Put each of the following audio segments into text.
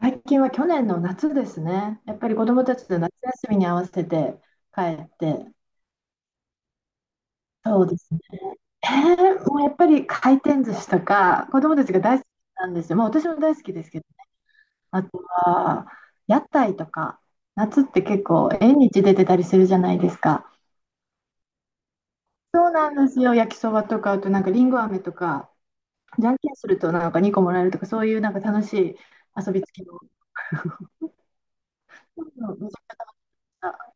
最近は去年の夏ですね。やっぱり子供たちの夏休みに合わせて帰って、そうですね。えもうやっぱり回転寿司とか、子供たちが大好きなんですよ。もう私も大好きですけど、あとは屋台とか、夏って結構縁日出てたりするじゃないですか。そうなんですよ。焼きそばとか、あとなんかりんご飴とか、じゃんけんするとなんか2個もらえるとか、そういうなんか楽しい遊びつきの。うん、めちゃくちゃ楽しかった。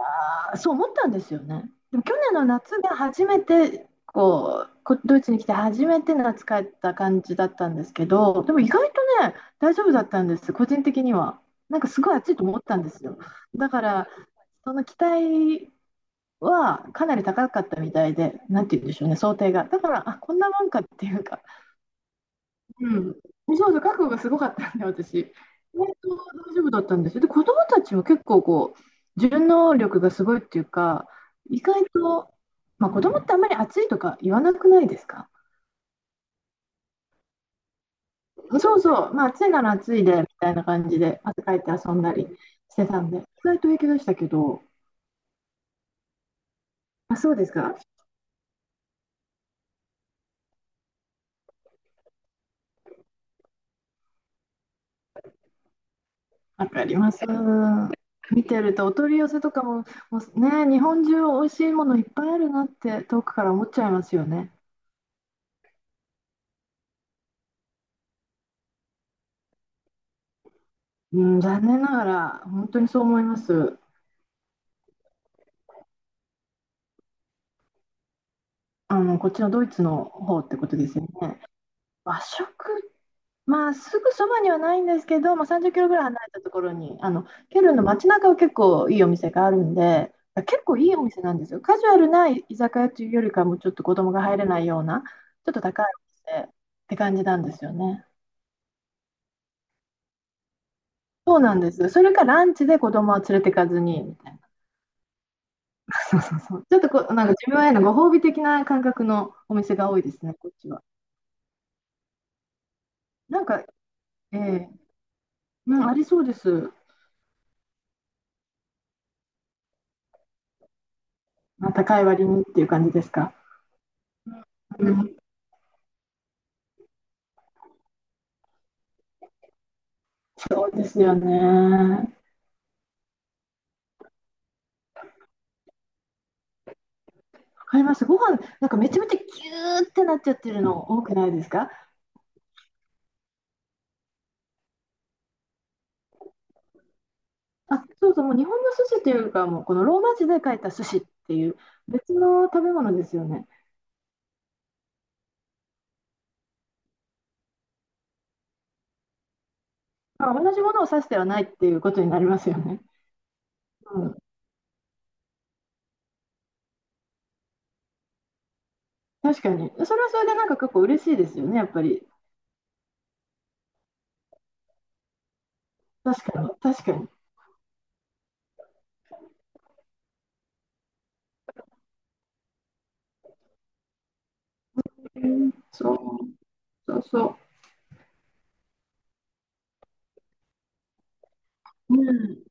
あー、そう思ったんですよね。でも去年の夏が初めてこうこドイツに来て初めて夏帰った感じだったんですけど、でも意外とね、大丈夫だったんです、個人的には。なんかすごい暑いと思ったんですよ。だからその期待はかなり高かったみたいで、なんて言うんでしょうね、想定が。だから、あ、こんなもんかっていうか、うん。そうそう、覚悟がすごかったんで、私。意外と大丈夫だったんですよ。で、子供たちも結構こう、順応力がすごいっていうか、意外と、まあ、子供ってあんまり暑いとか言わなくないですか？そうそう、まあ、暑いなら暑いで、みたいな感じで、汗かいて遊んだりしてたんで、意外と平気でしたけど、まあ、そうですか。わかります。見てると、お取り寄せとかも、もうね、日本中美味しいものいっぱいあるなって、遠くから思っちゃいますよね。うん、残念ながら、本当にそう思います。こっちのドイツの方ってことですよね。和食、まあ、すぐそばにはないんですけど、まあ、30キロぐらい離れたところに、ケルンの街中は結構いいお店があるんで、結構いいお店なんですよ。カジュアルな居酒屋というよりかも、ちょっと子供が入れないような、ちょっと高いお店って感じなんですよね。そうなんです。それかランチで子供は連れてかずに、みたいな。そうそうそう。ちょっとこう、なんか自分へのご褒美的な感覚のお店が多いですね、こっちは。なんか、ええ、うん、ありそうです。まあ、高い割にっていう感じですか。うん、そうですよね。わかります。ご飯、なんかめちゃめちゃギューってなっちゃってるの多くないですか？あ、そうそう、もう日本の寿司というかもうこのローマ字で書いた寿司っていう別の食べ物ですよね。まあ、同じものを指してはないっていうことになりますよね。うん、確かに。それはそれでなんか結構嬉しいですよね、やっぱり。確かに、確かに。うんそう、そうそう。うん。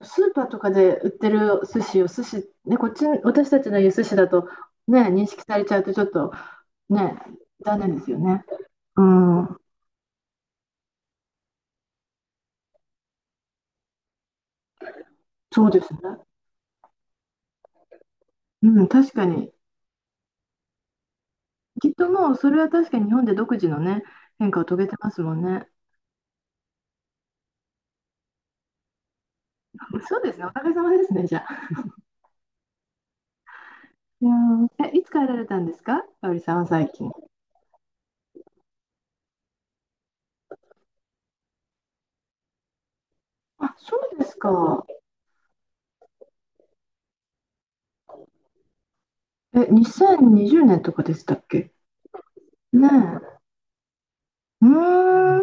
スーパーとかで売ってる寿司を寿司、ね、こっち、私たちの言う寿司だと、ね、認識されちゃうとちょっとね、残念ですよね。うん、そうですね。うん、確かに。きっともうそれは確かに日本で独自のね、変化を遂げてますもんね。そうですね、おかげさまですね、じゃあ。いや、いつ帰られたんですか、かおりさんは最近。あ、そうですか。え、2020年とかでしたっけ？ねえ。うーん、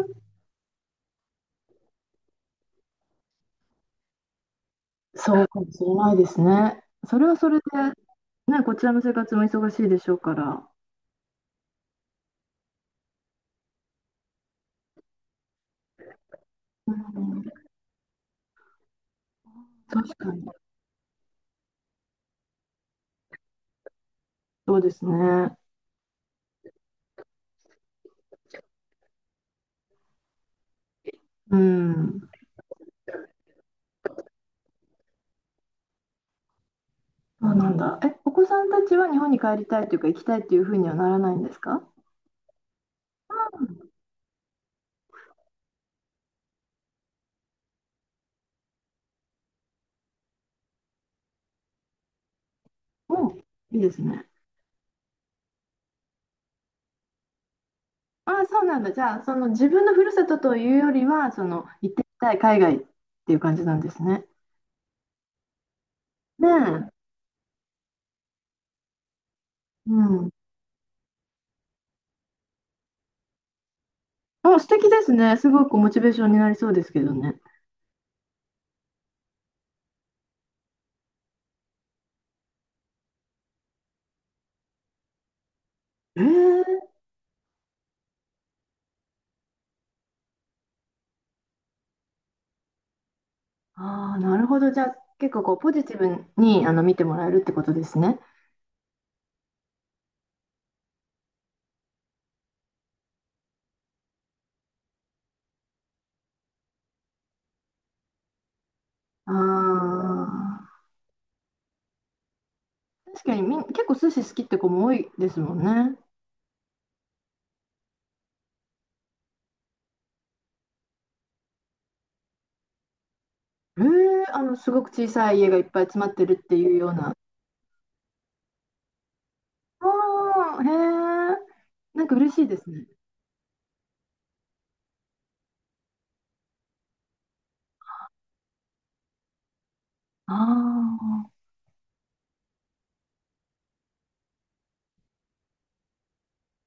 そうかもしれないですね。それはそれでね、こちらの生活も忙しいでしょうから。うん、確かに。そうですね。うん。そうなんだ。え、お子さんたちは日本に帰りたいというか、行きたいっていうふうにはならないんですか？もう、いいですね。ああ、そうなんだ。じゃあ、その自分のふるさとというよりは、その行ってみたい海外っていう感じなんですね。ねえ。うん。あ、素敵ですね。すごくモチベーションになりそうですけどね。ええ、ああ、なるほど。じゃあ、結構こうポジティブに見てもらえるってことですね。ああ、確かに結構寿司好きって子も多いですもんね。へえ、すごく小さい家がいっぱい詰まってるっていうような。ああ、へえ、なんか嬉しいですね。あ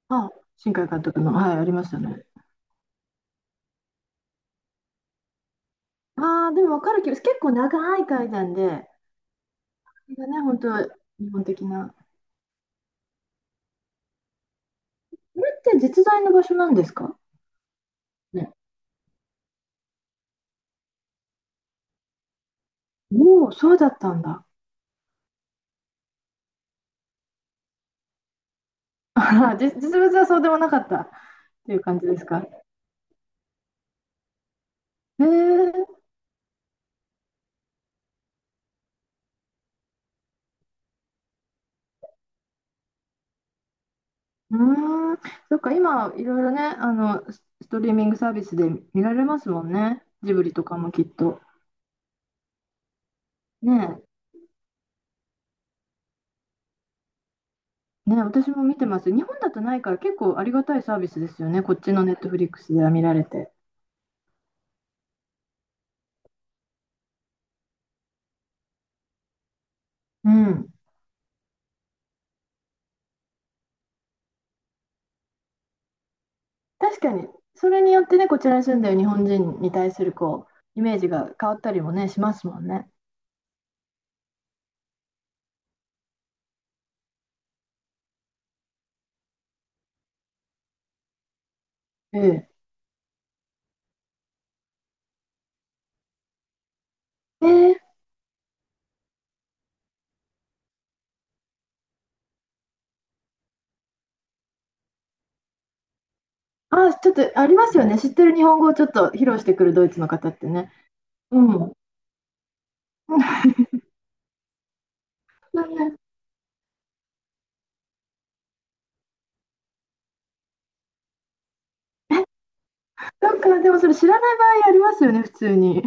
あ、あ、新海監督の、はい、ありましたね。ああ、でも分かる気がする。結構長い階段で、これがね、本当日本的な。これって実在の場所なんですかね。おお、そうだったんだ。あらじ実物はそうでもなかったっていう感じですか。へえ、うーん、そっか、今、いろいろね、スストリーミングサービスで見られますもんね。ジブリとかもきっと。ねえ、ねえ、私も見てます。日本だとないから結構ありがたいサービスですよね。こっちのネットフリックスでは見られて。うん。確かに、それによってね、こちらに住んでる日本人に対するこう、イメージが変わったりもね、しますもんね。ええ。ええ。あ、ちょっとありますよね。知ってる日本語をちょっと披露してくるドイツの方ってね。うん。なんか、でもそれ知らない場合ありますよね、普通に。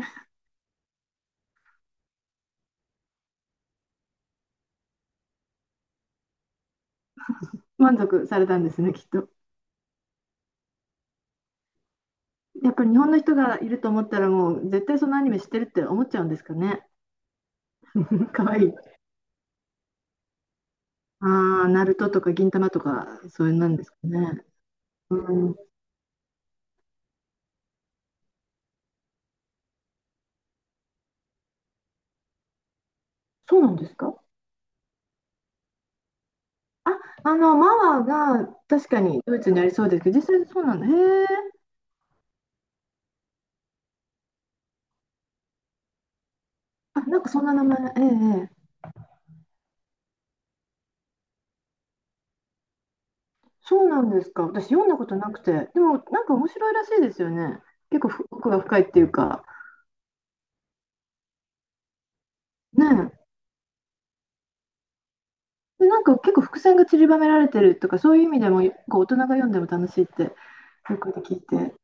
満足されたんですね、きっと。やっぱり日本の人がいると思ったらもう絶対そのアニメ知ってるって思っちゃうんですかね。かわいい。ああ、ナルトとか銀魂とかそういうのなんですかね。うん、そうなんですか？マワが確かにドイツにありそうですけど、実際そうなんだ。へえ。あ、なんかそんな名前。ええええ、そうなんですか。私読んだことなくて。でもなんか面白いらしいですよね。結構ふ奥が深いっていうか。ねえ。で、なんか結構伏線が散りばめられてるとか、そういう意味でも、こう大人が読んでも楽しいってよく聞いて。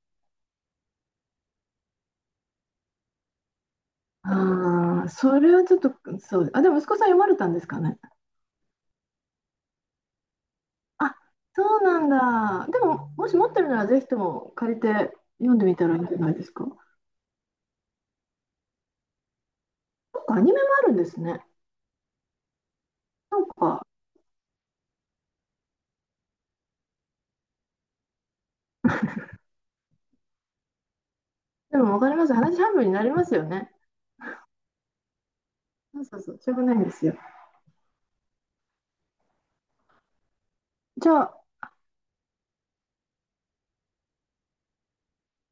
ああ、それはちょっと、そう、あ、でも息子さん読まれたんですかね。あ、そうなんだ。でも、もし持ってるなら、ぜひとも借りて読んでみたらいいんじゃないですか。なんかアニメもあるんですね。なんか、でもわかります。話半分になりますよね。そうそうそう、しょうがないんですよ。じゃあ